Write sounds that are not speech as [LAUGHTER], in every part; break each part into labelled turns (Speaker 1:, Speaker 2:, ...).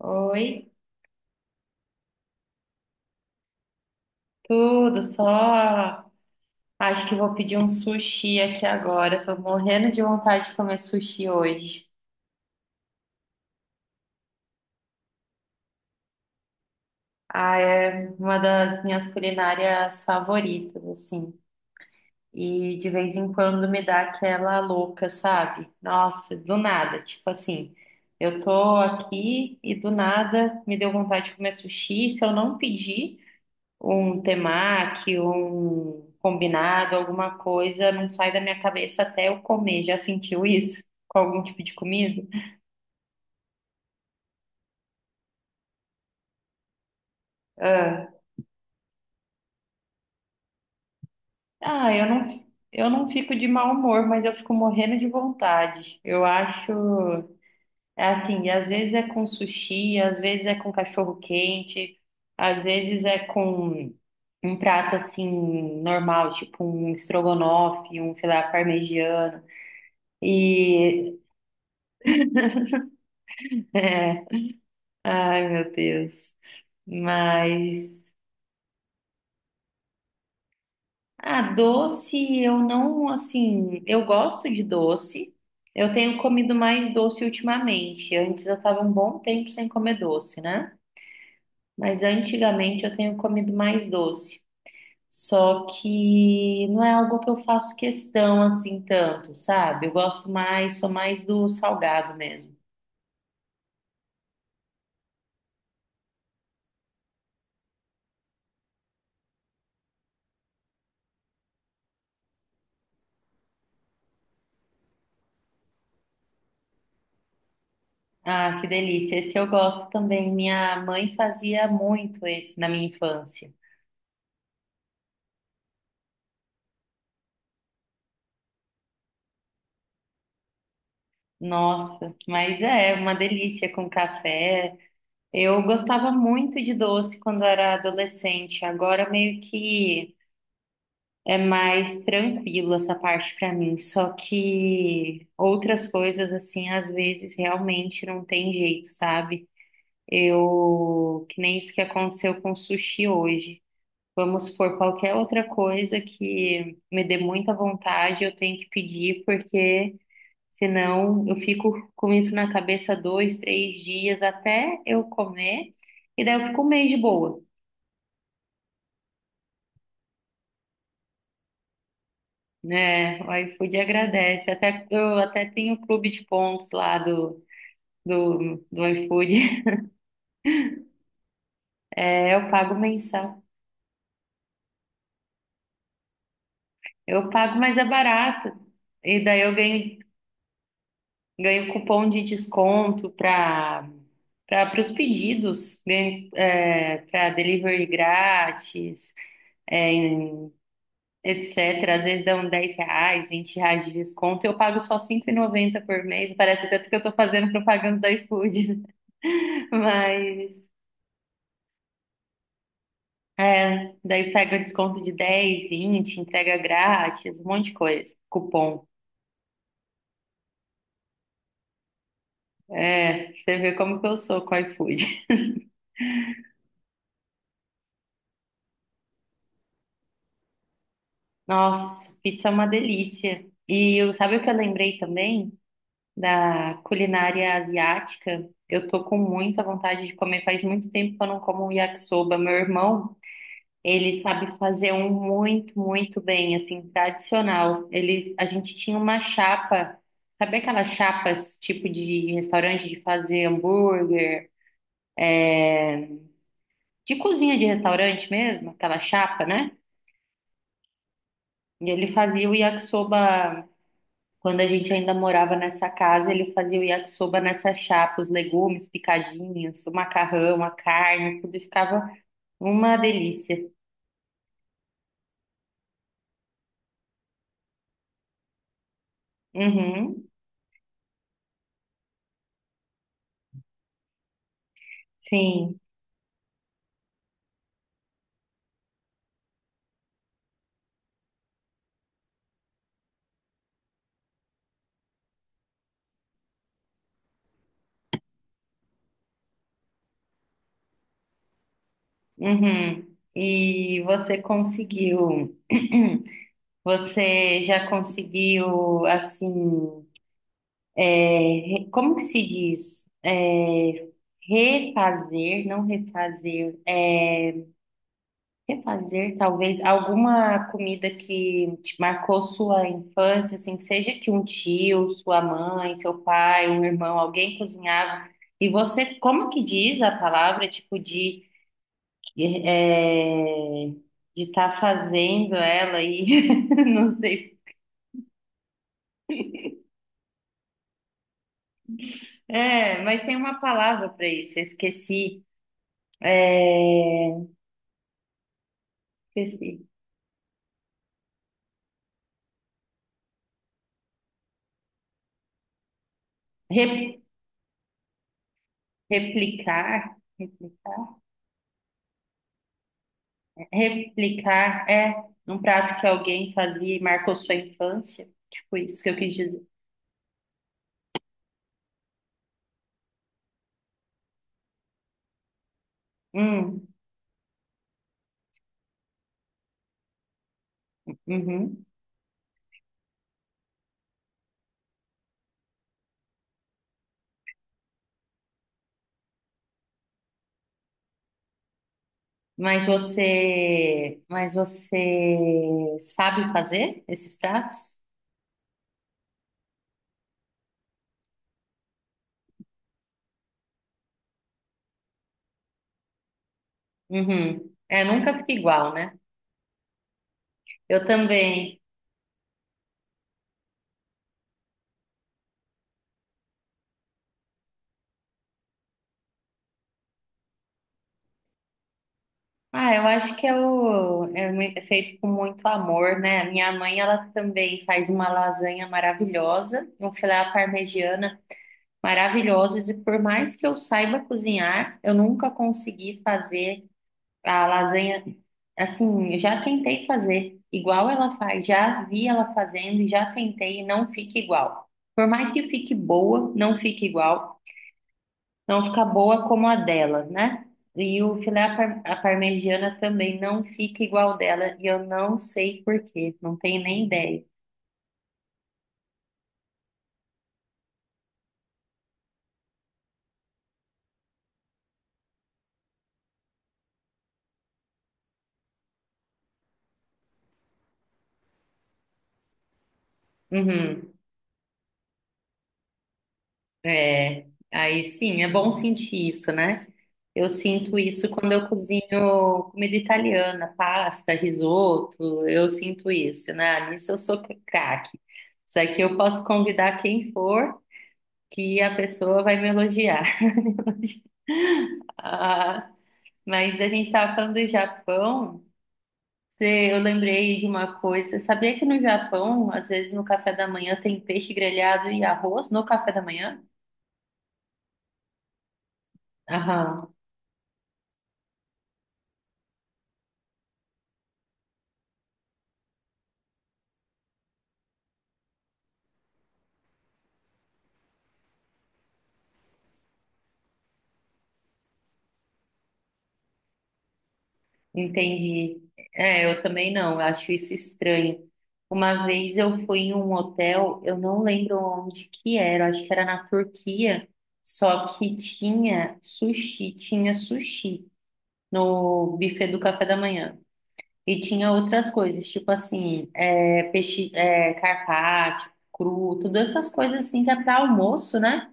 Speaker 1: Oi, tudo só. Acho que vou pedir um sushi aqui agora. Tô morrendo de vontade de comer sushi hoje. Ah, é uma das minhas culinárias favoritas, assim. E de vez em quando me dá aquela louca, sabe? Nossa, do nada, tipo assim, eu tô aqui e do nada me deu vontade de comer sushi. Se eu não pedir, um temaki, um combinado, alguma coisa, não sai da minha cabeça até eu comer. Já sentiu isso com algum tipo de comida? Ah, ah, eu não fico de mau humor, mas eu fico morrendo de vontade. Eu acho, é assim, e às vezes é com sushi, às vezes é com cachorro quente, às vezes é com um prato assim normal, tipo um estrogonofe, um filé parmegiano. E [LAUGHS] Ai, meu Deus. Mas, ah, doce, eu não, assim, eu gosto de doce. Eu tenho comido mais doce ultimamente. Antes eu estava um bom tempo sem comer doce, né? Mas antigamente eu tenho comido mais doce. Só que não é algo que eu faço questão assim tanto, sabe? Eu gosto mais, sou mais do salgado mesmo. Ah, que delícia. Esse eu gosto também. Minha mãe fazia muito esse na minha infância. Nossa, mas é uma delícia com café. Eu gostava muito de doce quando era adolescente. Agora meio que é mais tranquilo essa parte pra mim. Só que outras coisas assim, às vezes realmente não tem jeito, sabe? Eu, que nem isso que aconteceu com sushi hoje. Vamos supor, qualquer outra coisa que me dê muita vontade, eu tenho que pedir porque senão, eu fico com isso na cabeça 2, 3 dias até eu comer, e daí eu fico um mês de boa, né? O iFood agradece. Até, eu até tenho o clube de pontos lá do iFood. [LAUGHS] É, eu pago mensal. Eu pago, mas é barato. E daí eu ganho, ganho cupom de desconto para os pedidos, ganho, é, para delivery grátis é, etc. Às vezes dão R$ 10, R$ 20 de desconto. Eu pago só 5,90 por mês. Parece tanto que eu tô fazendo propaganda do iFood. [LAUGHS] Mas, é, daí pega desconto de 10, 20, entrega grátis, um monte de coisa. Cupom. É, você vê como que eu sou com o iFood. [LAUGHS] Nossa, pizza é uma delícia. E sabe o que eu lembrei também? Da culinária asiática. Eu tô com muita vontade de comer. Faz muito tempo que eu não como um yakisoba. Meu irmão ele sabe fazer um muito, muito bem, assim, tradicional. Ele, a gente tinha uma chapa, sabe aquelas chapas tipo de restaurante de fazer hambúrguer, de cozinha de restaurante mesmo, aquela chapa, né? E ele fazia o yakisoba quando a gente ainda morava nessa casa, ele fazia o yakisoba nessa chapa, os legumes picadinhos, o macarrão, a carne, tudo e ficava uma delícia. Uhum. Sim. Uhum. E você conseguiu, [CLEARS THROAT] você já conseguiu, assim, é, como que se diz? É, refazer, não refazer, é, refazer talvez alguma comida que te marcou sua infância, assim, que seja que um tio, sua mãe, seu pai, um irmão, alguém cozinhava, e você, como que diz a palavra, tipo, de E, é, de estar fazendo ela e [LAUGHS] não sei. É, mas tem uma palavra para isso, eu esqueci. É, esqueci. Re- replicar, replicar, replicar é um prato que alguém fazia e marcou sua infância. Tipo isso que eu quis dizer. Hum, uhum. Mas você sabe fazer esses pratos? Uhum. É, nunca fica igual, né? Eu também. Ah, eu acho que é, o, é, mui- é feito com muito amor, né? A minha mãe, ela também faz uma lasanha maravilhosa, um filé à parmegiana maravilhoso, e por mais que eu saiba cozinhar, eu nunca consegui fazer a lasanha assim, eu já tentei fazer igual ela faz, já vi ela fazendo e já tentei e não fica igual. Por mais que fique boa, não fica igual, não fica boa como a dela, né? E o filé à parmegiana também não fica igual dela, e eu não sei por quê, não tenho nem ideia. Uhum, é, aí sim, é bom sentir isso, né? Eu sinto isso quando eu cozinho comida italiana, pasta, risoto, eu sinto isso, né? Ah, nisso eu sou craque. Isso aqui eu posso convidar quem for, que a pessoa vai me elogiar. [LAUGHS] Ah, mas a gente estava falando do Japão, eu lembrei de uma coisa. Sabia que no Japão, às vezes no café da manhã, tem peixe grelhado e arroz no café da manhã? Aham, entendi. É, eu também não, eu acho isso estranho. Uma vez eu fui em um hotel, eu não lembro onde que era, acho que era na Turquia, só que tinha sushi no buffet do café da manhã. E tinha outras coisas, tipo assim, é, peixe, é, carpaccio, cru, todas essas coisas assim que é para almoço, né?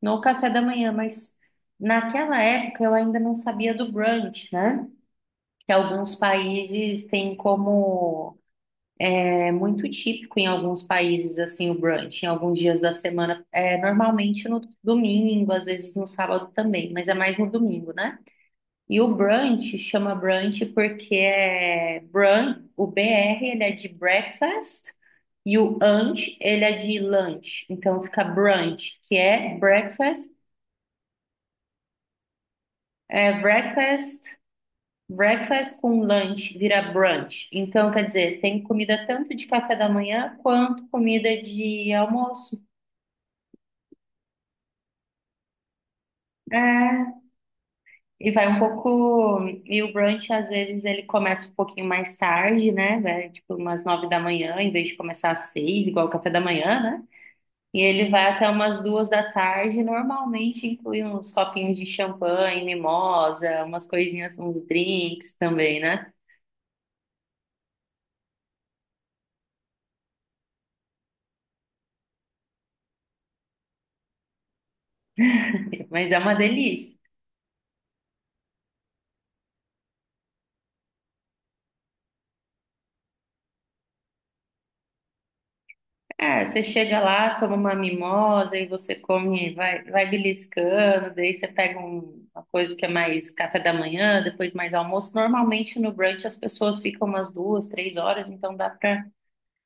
Speaker 1: No café da manhã, mas naquela época eu ainda não sabia do brunch, né? Que alguns países têm como, é muito típico em alguns países assim o brunch, em alguns dias da semana, é normalmente no domingo, às vezes no sábado também, mas é mais no domingo, né? E o brunch chama brunch porque é brun, o BR ele é de breakfast e o ant ele é de lunch. Então fica brunch, que é breakfast, breakfast com lunch vira brunch. Então quer dizer, tem comida tanto de café da manhã quanto comida de almoço. É, e vai um pouco. E o brunch, às vezes, ele começa um pouquinho mais tarde, né? Vai, tipo, umas 9 da manhã, em vez de começar às 6, igual o café da manhã, né? E ele vai até umas 2 da tarde. Normalmente inclui uns copinhos de champanhe, mimosa, umas coisinhas, uns drinks também, né? Mas é uma delícia. É, você chega lá, toma uma mimosa e você come, vai, vai beliscando, daí você pega uma coisa que é mais café da manhã, depois mais almoço. Normalmente no brunch as pessoas ficam umas 2, 3 horas, então dá pra.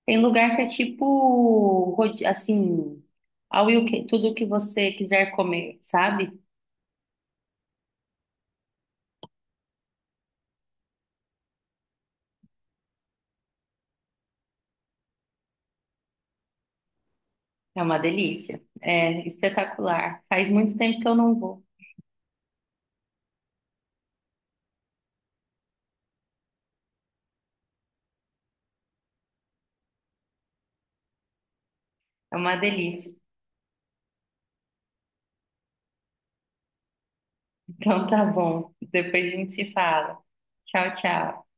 Speaker 1: Tem lugar que é tipo, assim, tudo que você quiser comer, sabe? É uma delícia. É espetacular. Faz muito tempo que eu não vou. É uma delícia. Então tá bom. Depois a gente se fala. Tchau, tchau.